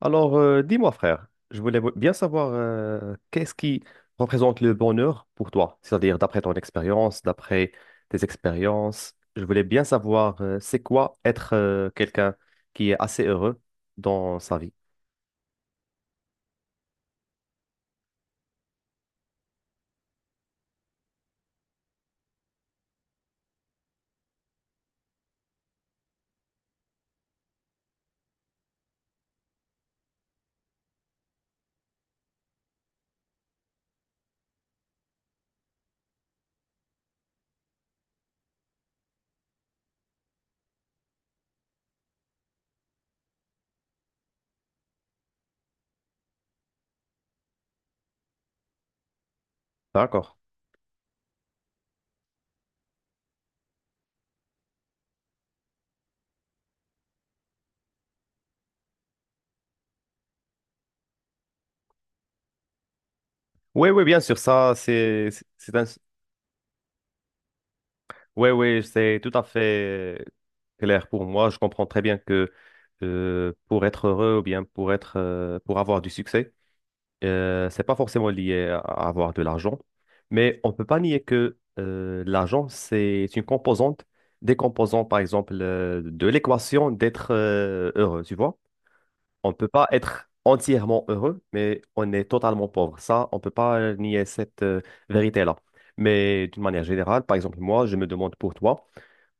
Dis-moi, frère, je voulais bien savoir qu'est-ce qui représente le bonheur pour toi, c'est-à-dire d'après ton expérience, d'après tes expériences. Je voulais bien savoir c'est quoi être quelqu'un qui est assez heureux dans sa vie. D'accord. Oui, oui, bien sûr, ça, c'est un… Oui, oui, c'est tout à fait clair pour moi. Je comprends très bien que pour être heureux ou bien pour être, pour avoir du succès, c'est pas forcément lié à avoir de l'argent, mais on peut pas nier que l'argent, c'est une composante, des composantes, par exemple, de l'équation d'être heureux, tu vois. On peut pas être entièrement heureux, mais on est totalement pauvre. Ça, on peut pas nier cette vérité-là. Mais d'une manière générale, par exemple, moi, je me demande pour toi,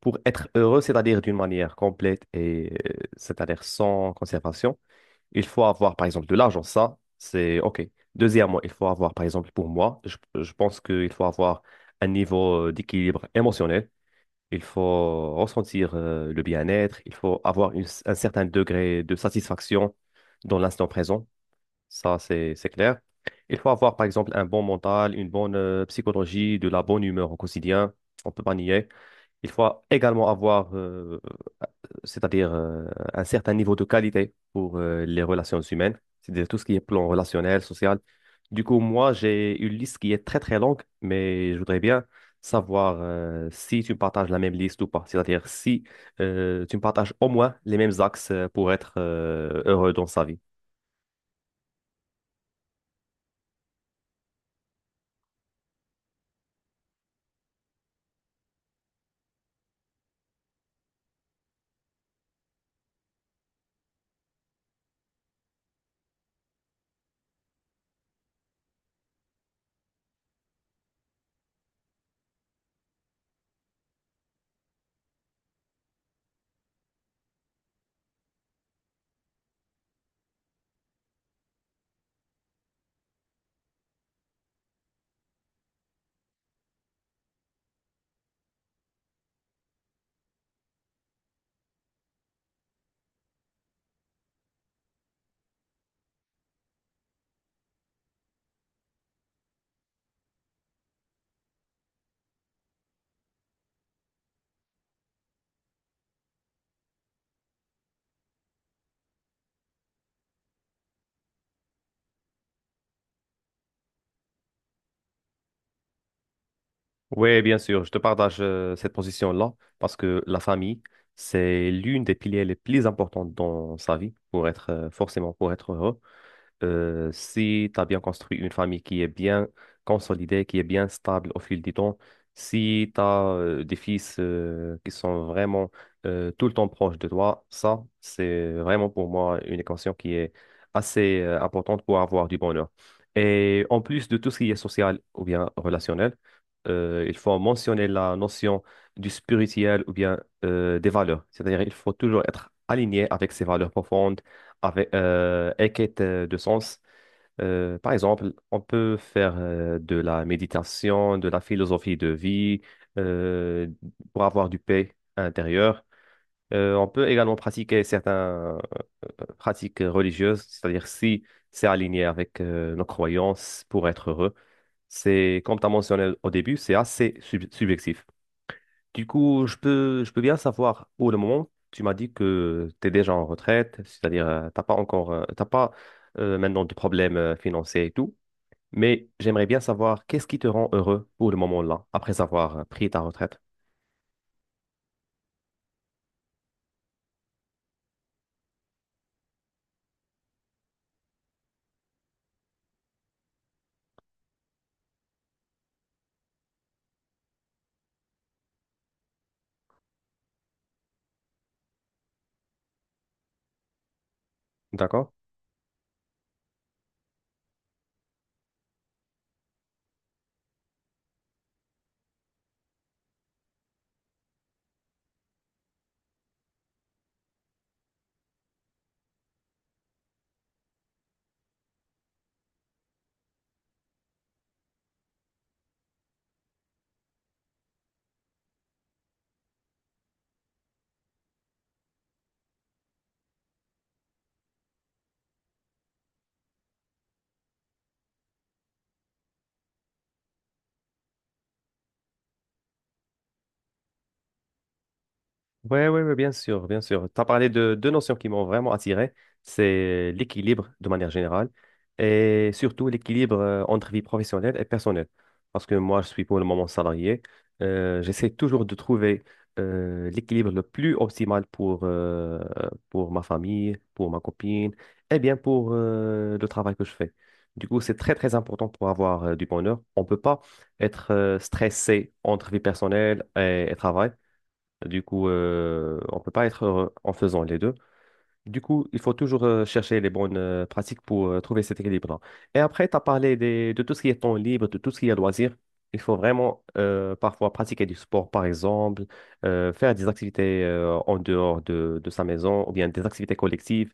pour être heureux, c'est-à-dire d'une manière complète et c'est-à-dire sans conservation, il faut avoir, par exemple, de l'argent. Ça, c'est OK. Deuxièmement, il faut avoir, par exemple, pour moi, je pense qu'il faut avoir un niveau d'équilibre émotionnel. Il faut ressentir le bien-être. Il faut avoir un certain degré de satisfaction dans l'instant présent. Ça, c'est clair. Il faut avoir, par exemple, un bon mental, une bonne psychologie, de la bonne humeur au quotidien. On peut pas nier. Il faut également avoir c'est-à-dire un certain niveau de qualité pour les relations humaines, c'est-à-dire tout ce qui est plan relationnel, social. Du coup, moi, j'ai une liste qui est très, très longue, mais je voudrais bien savoir si tu me partages la même liste ou pas, c'est-à-dire si tu me partages au moins les mêmes axes pour être heureux dans sa vie. Oui, bien sûr, je te partage cette position-là parce que la famille, c'est l'une des piliers les plus importants dans sa vie pour être forcément pour être heureux. Si tu as bien construit une famille qui est bien consolidée, qui est bien stable au fil du temps, si tu as des fils qui sont vraiment tout le temps proches de toi, ça, c'est vraiment pour moi une équation qui est assez importante pour avoir du bonheur. Et en plus de tout ce qui est social ou bien relationnel, il faut mentionner la notion du spirituel ou bien des valeurs. C'est-à-dire, il faut toujours être aligné avec ses valeurs profondes avec, et quête de sens. Par exemple, on peut faire de la méditation, de la philosophie de vie, euh, pour avoir du paix intérieure. On peut également pratiquer certaines pratiques religieuses, c'est-à-dire si c'est aligné avec nos croyances pour être heureux. C'est, comme tu as mentionné au début, c'est assez subjectif. Du coup, je peux bien savoir où le moment. Tu m'as dit que tu es déjà en retraite, c'est-à-dire t'as pas encore, t'as pas maintenant de problèmes financiers et tout. Mais j'aimerais bien savoir qu'est-ce qui te rend heureux pour le moment là, après avoir pris ta retraite. D'accord? Ouais, bien sûr, bien sûr. Tu as parlé de deux notions qui m'ont vraiment attiré. C'est l'équilibre de manière générale et surtout l'équilibre entre vie professionnelle et personnelle. Parce que moi, je suis pour le moment salarié. J'essaie toujours de trouver l'équilibre le plus optimal pour ma famille, pour ma copine et bien pour le travail que je fais. Du coup, c'est très, très important pour avoir du bonheur. On ne peut pas être stressé entre vie personnelle et travail du coup, on peut pas être heureux en faisant les deux. Du coup, il faut toujours chercher les bonnes pratiques pour trouver cet équilibre-là. Et après, tu as parlé de tout ce qui est temps libre, de tout ce qui est loisir. Il faut vraiment parfois pratiquer du sport, par exemple, faire des activités en dehors de sa maison ou bien des activités collectives.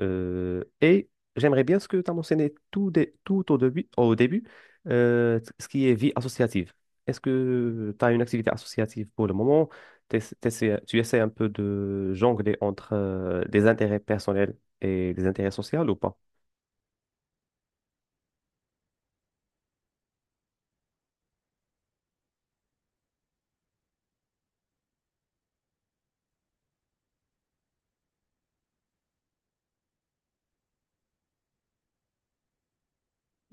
Et j'aimerais bien ce que tu as mentionné tout au début ce qui est vie associative. Est-ce que tu as une activité associative pour le moment? Tu essaies un peu de jongler entre des intérêts personnels et des intérêts sociaux ou pas?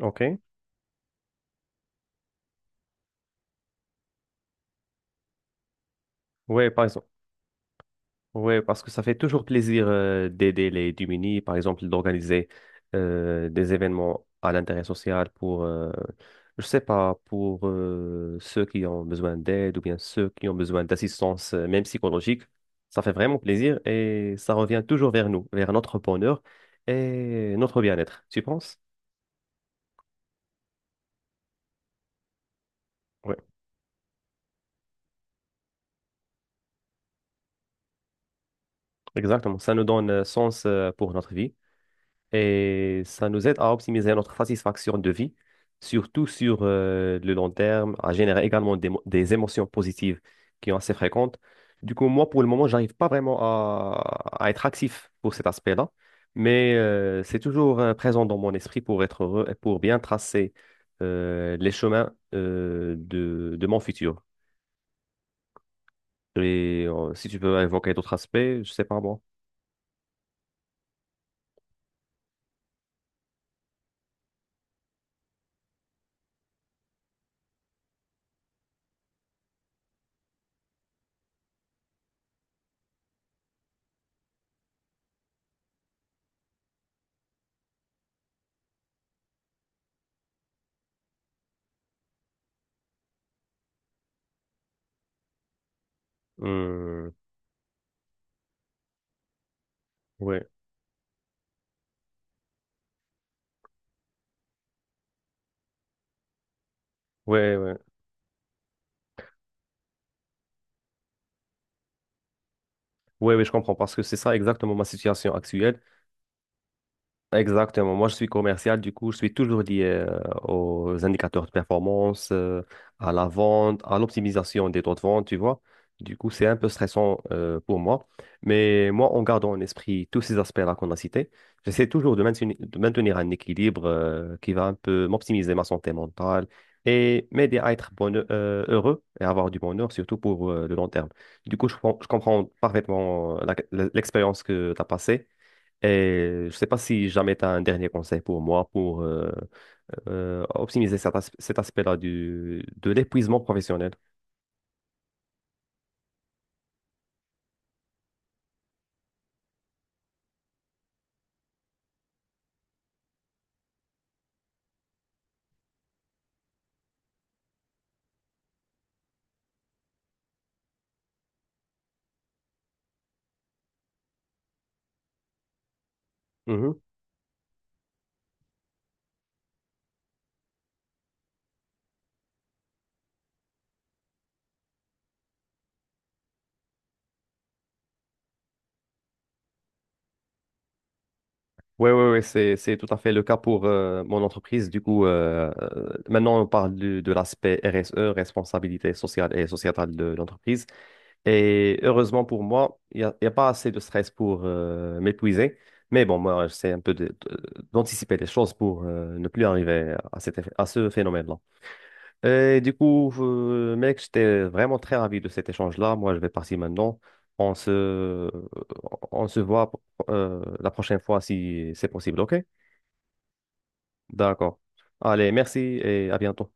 OK. Ouais, par exemple. Ouais, parce que ça fait toujours plaisir d'aider les démunis, par exemple, d'organiser des événements à l'intérêt social pour, je sais pas, pour ceux qui ont besoin d'aide ou bien ceux qui ont besoin d'assistance, même psychologique. Ça fait vraiment plaisir et ça revient toujours vers nous, vers notre bonheur et notre bien-être, tu penses? Ouais. Exactement, ça nous donne sens pour notre vie et ça nous aide à optimiser notre satisfaction de vie, surtout sur le long terme, à générer également des émotions positives qui sont assez fréquentes. Du coup, moi, pour le moment, j'arrive pas vraiment à être actif pour cet aspect-là, mais c'est toujours présent dans mon esprit pour être heureux et pour bien tracer les chemins de mon futur. Et si tu peux évoquer d'autres aspects, je sais pas moi. Hum, ouais. Ouais, ouais. Oui, oui, je comprends parce que c'est ça exactement ma situation actuelle. Exactement. Moi, je suis commercial, du coup, je suis toujours lié aux indicateurs de performance, à la vente, à l'optimisation des taux de vente, tu vois. Du coup, c'est un peu stressant pour moi. Mais moi, en gardant en esprit tous ces aspects-là qu'on a cités, j'essaie toujours de maintenir un équilibre qui va un peu m'optimiser ma santé mentale et m'aider à être heureux et avoir du bonheur, surtout pour le long terme. Du coup, je comprends parfaitement l'expérience que tu as passée. Et je sais pas si jamais tu as un dernier conseil pour moi pour optimiser cet aspect-là du, de l'épuisement professionnel. Mhm. Oui, oui, oui, c'est tout à fait le cas pour mon entreprise. Du coup, maintenant, on parle de l'aspect RSE, responsabilité sociale et sociétale de l'entreprise. Et heureusement pour moi, il y a pas assez de stress pour m'épuiser. Mais bon, moi, j'essaie un peu d'anticiper les choses pour ne plus arriver à, à ce phénomène-là. Et du coup, mec, j'étais vraiment très ravi de cet échange-là. Moi, je vais partir maintenant. On se, euh, on se voit la prochaine fois si c'est possible, ok? D'accord. Allez, merci et à bientôt.